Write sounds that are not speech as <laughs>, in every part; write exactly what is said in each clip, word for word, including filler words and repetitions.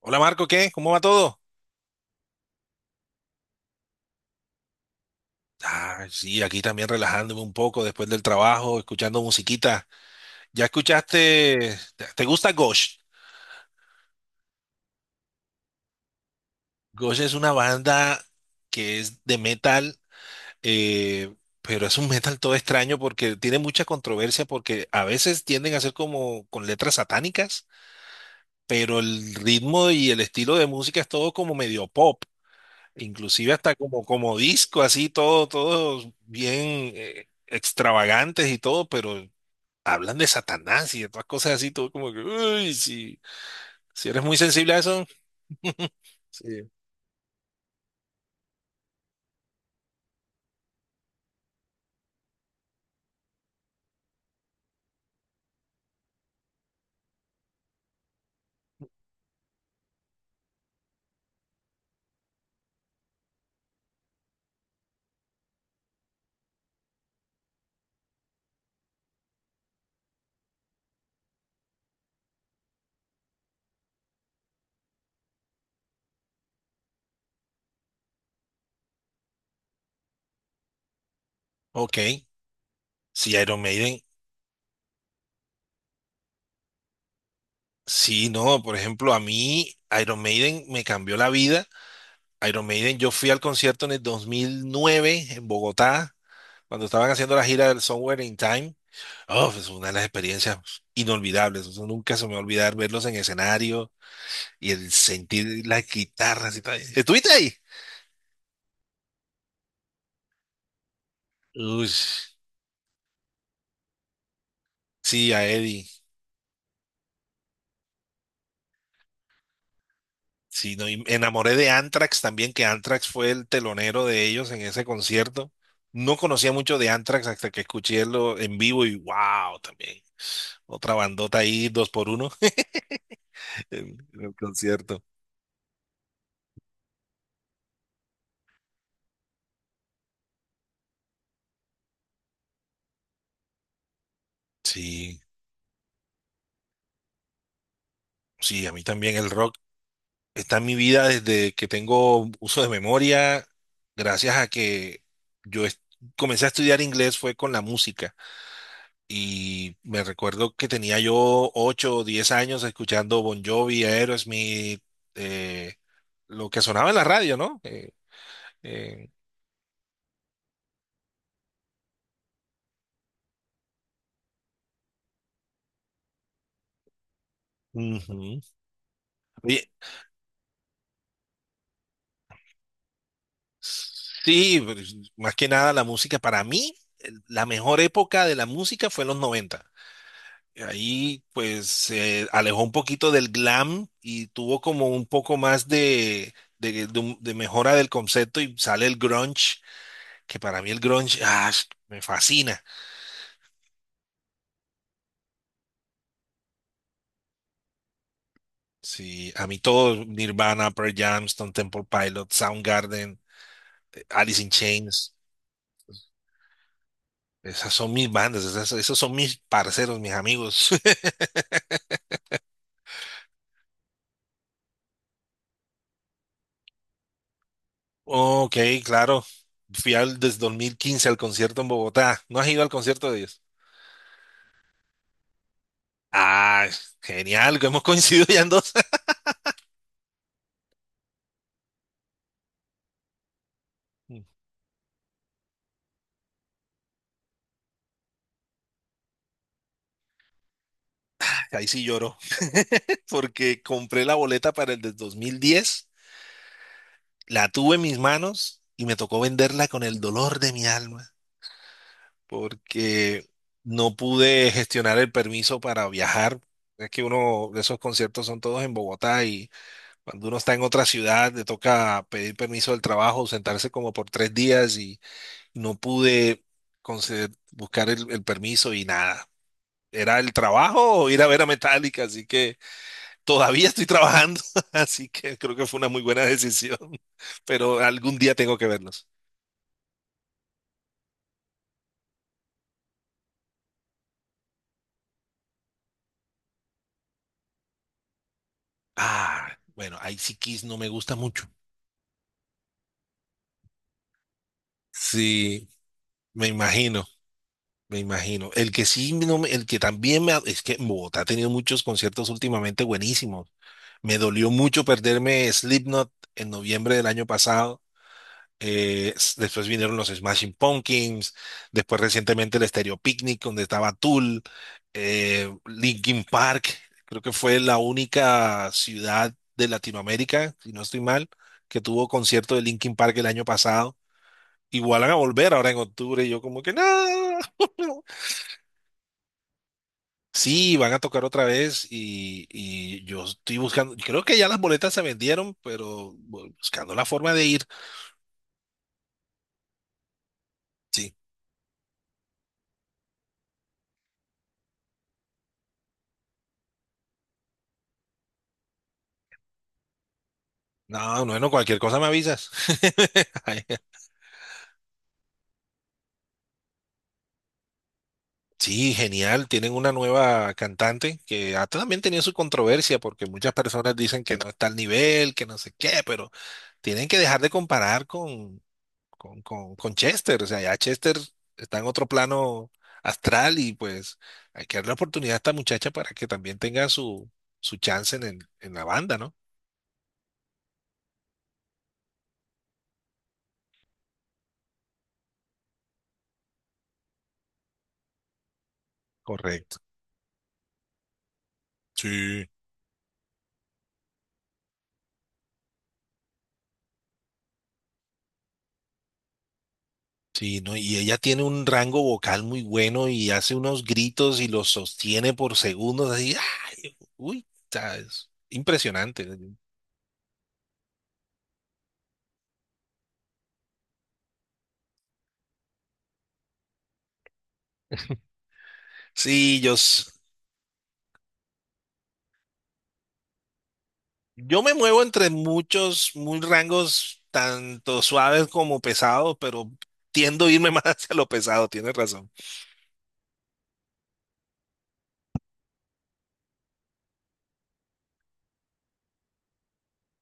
Hola Marco, ¿qué? ¿Cómo va todo? Ah, sí, aquí también relajándome un poco después del trabajo, escuchando musiquita. ¿Ya escuchaste? ¿Te te gusta Ghost? Ghost es una banda que es de metal, eh, pero es un metal todo extraño porque tiene mucha controversia porque a veces tienden a ser como con letras satánicas, pero el ritmo y el estilo de música es todo como medio pop, inclusive hasta como, como disco, así todo, todo bien eh, extravagantes y todo, pero hablan de Satanás y de todas cosas así, todo como que, uy, si, si eres muy sensible a eso. Sí. Ok, si Iron Maiden, sí, no, por ejemplo, a mí Iron Maiden me cambió la vida. Iron Maiden, yo fui al concierto en el dos mil nueve en Bogotá, cuando estaban haciendo la gira del Somewhere in Time. Oh, es una de las experiencias inolvidables, eso nunca se me va a olvidar verlos en escenario y el sentir las guitarras y tal. ¿Estuviste ahí? Uy, sí, a Eddie. Sí, no, y me enamoré de Anthrax también, que Anthrax fue el telonero de ellos en ese concierto. No conocía mucho de Anthrax hasta que escuché lo en vivo y wow, también. Otra bandota ahí, dos por uno, <laughs> en en el concierto. Sí, sí, a mí también el rock está en mi vida desde que tengo uso de memoria, gracias a que yo est- comencé a estudiar inglés fue con la música. Y me recuerdo que tenía yo ocho o diez años escuchando Bon Jovi, Aerosmith, eh, lo que sonaba en la radio, ¿no? Eh, eh, ujú. Oye, sí, pues, más que nada la música, para mí, el- la mejor época de la música fue en los noventa. Ahí pues se alejó un poquito del glam y tuvo como un poco más de, de, de un- de mejora del concepto y sale el grunge, que para mí el grunge, ah, me fascina. Sí, a mí todo, Nirvana, Pearl Jam, Stone Temple Pilots, Soundgarden, eh, Alice in Chains, esas son mis bandas, esas- esos son mis parceros, mis amigos. <laughs> Ok, claro. Fui al, desde dos mil quince al concierto en Bogotá. ¿No has ido al concierto de ellos? Ah, genial, que hemos coincidido ya en dos. <laughs> Ahí sí lloro, <laughs> porque compré la boleta para el de dos mil diez, la tuve en mis manos y me tocó venderla con el dolor de mi alma, porque no pude gestionar el permiso para viajar. Es que uno de esos conciertos son todos en Bogotá y cuando uno está en otra ciudad le toca pedir permiso del trabajo, sentarse como por tres días y no pude conceder- buscar el, el permiso y nada. Era el trabajo o ir a ver a Metallica, así que todavía estoy trabajando, <laughs> así que creo que fue una muy buena decisión, <laughs> pero algún día tengo que verlos. Ah, bueno, ahí sí Kiss no me gusta mucho. Sí. Me imagino, me imagino. El que sí, no me- el que también me... ha- Es que en Bogotá ha tenido muchos conciertos últimamente buenísimos. Me dolió mucho perderme Slipknot en noviembre del año pasado. Eh, s- después vinieron los Smashing Pumpkins. Después recientemente el Stereo Picnic, donde estaba Tool, eh, Linkin Park. Creo que fue la única ciudad de Latinoamérica, si no estoy mal, que tuvo concierto de Linkin Park el año pasado. Igual van a volver ahora en octubre. Y yo como que no. <laughs> Sí, van a tocar otra vez y, y yo estoy buscando, creo que ya las boletas se vendieron, pero bu- buscando la forma de ir. Sí. No, no, no, cualquier cosa me avisas. <laughs> Ay, sí, genial. Tienen una nueva cantante que ha también tenido su controversia porque muchas personas dicen que no está al nivel, que no sé qué, pero tienen que dejar de comparar con, con, con, con Chester. O sea, ya Chester está en otro plano astral y pues hay que darle la oportunidad a esta muchacha para que también tenga su, su chance en, el- en la banda, ¿no? Correcto. Sí. Sí, ¿no? Y ella tiene un rango vocal muy bueno y hace unos gritos y los sostiene por segundos así. ¡Ay! Uy, o sea, es impresionante. Sí, yo, Yo me muevo entre muchos, muy rangos, tanto suaves como pesados, pero tiendo a irme <laughs> más hacia lo pesado, tienes razón.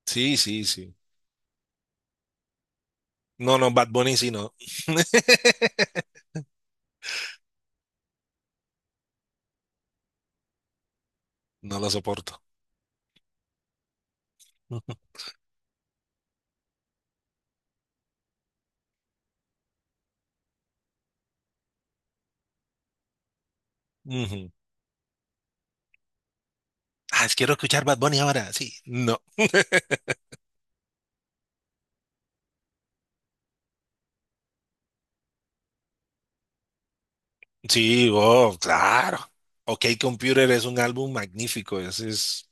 Sí, sí, sí. No, no, Bad Bunny sí, no. <laughs> No lo soporto. <laughs> Ujú. Ah, es- quiero escuchar Bad Bunny ahora, sí. No. Sí, oh, claro. OK Computer es un álbum magnífico, ese es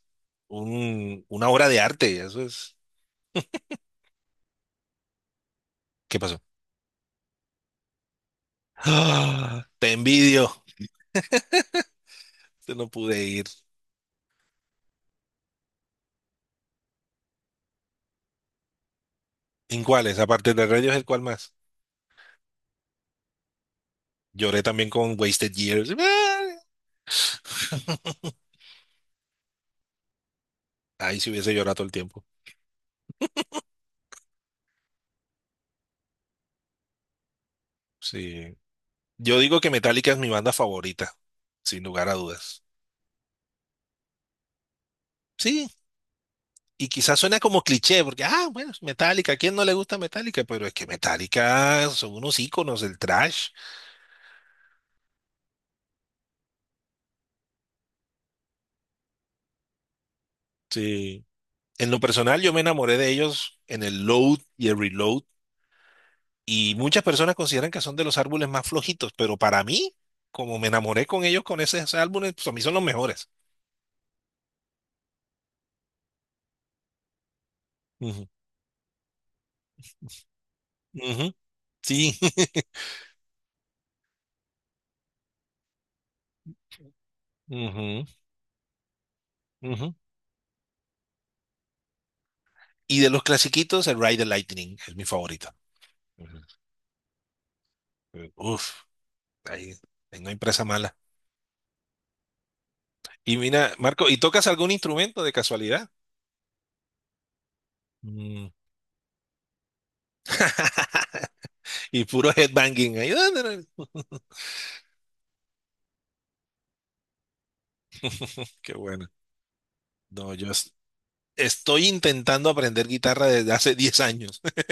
un, una obra de arte, eso es. ¿Qué pasó? <gasps> Ah, te envidio. Yo no pude ir. ¿En cuáles? Aparte de Rayos, ¿el cuál más? Lloré también con Wasted Years. <laughs> Ahí si hubiese llorado todo el tiempo. Sí. Yo digo que Metallica es mi banda favorita, sin lugar a dudas. Sí, y quizás suena como cliché, porque, ah, bueno, es Metallica, ¿a quién no le gusta Metallica? Pero es que Metallica son unos íconos del trash. Sí. En lo personal, yo me enamoré de ellos en el Load y el Reload, y muchas personas consideran que son de los árboles más flojitos, pero para mí, como me enamoré con ellos con esos álbumes, pues a mí son los mejores. Ujú. Ujú. Sí. Ujú, ujú. Y de los clasiquitos, el Ride the Lightning es mi favorito. Ujú. Eh, Uf, ahí tengo impresa mala. Y mira, Marco, ¿y tocas algún instrumento de casualidad? Mm. Y puro headbanging ahí. <laughs> Qué bueno. No, yo es- estoy intentando aprender guitarra desde hace diez años. <laughs>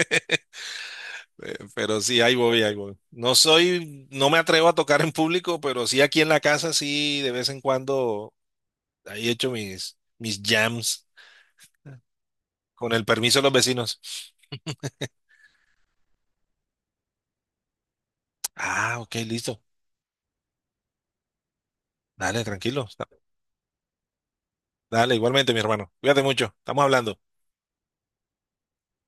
Eh, pero sí, ahí voy, ahí voy. No soy, no me atrevo a tocar en público, pero sí aquí en la casa, sí, de vez en cuando, ahí he hecho mis, mis jams con el permiso de los vecinos. Ah, ok, listo. Dale, tranquilo. Dale, igualmente, mi hermano. Cuídate mucho. Estamos hablando.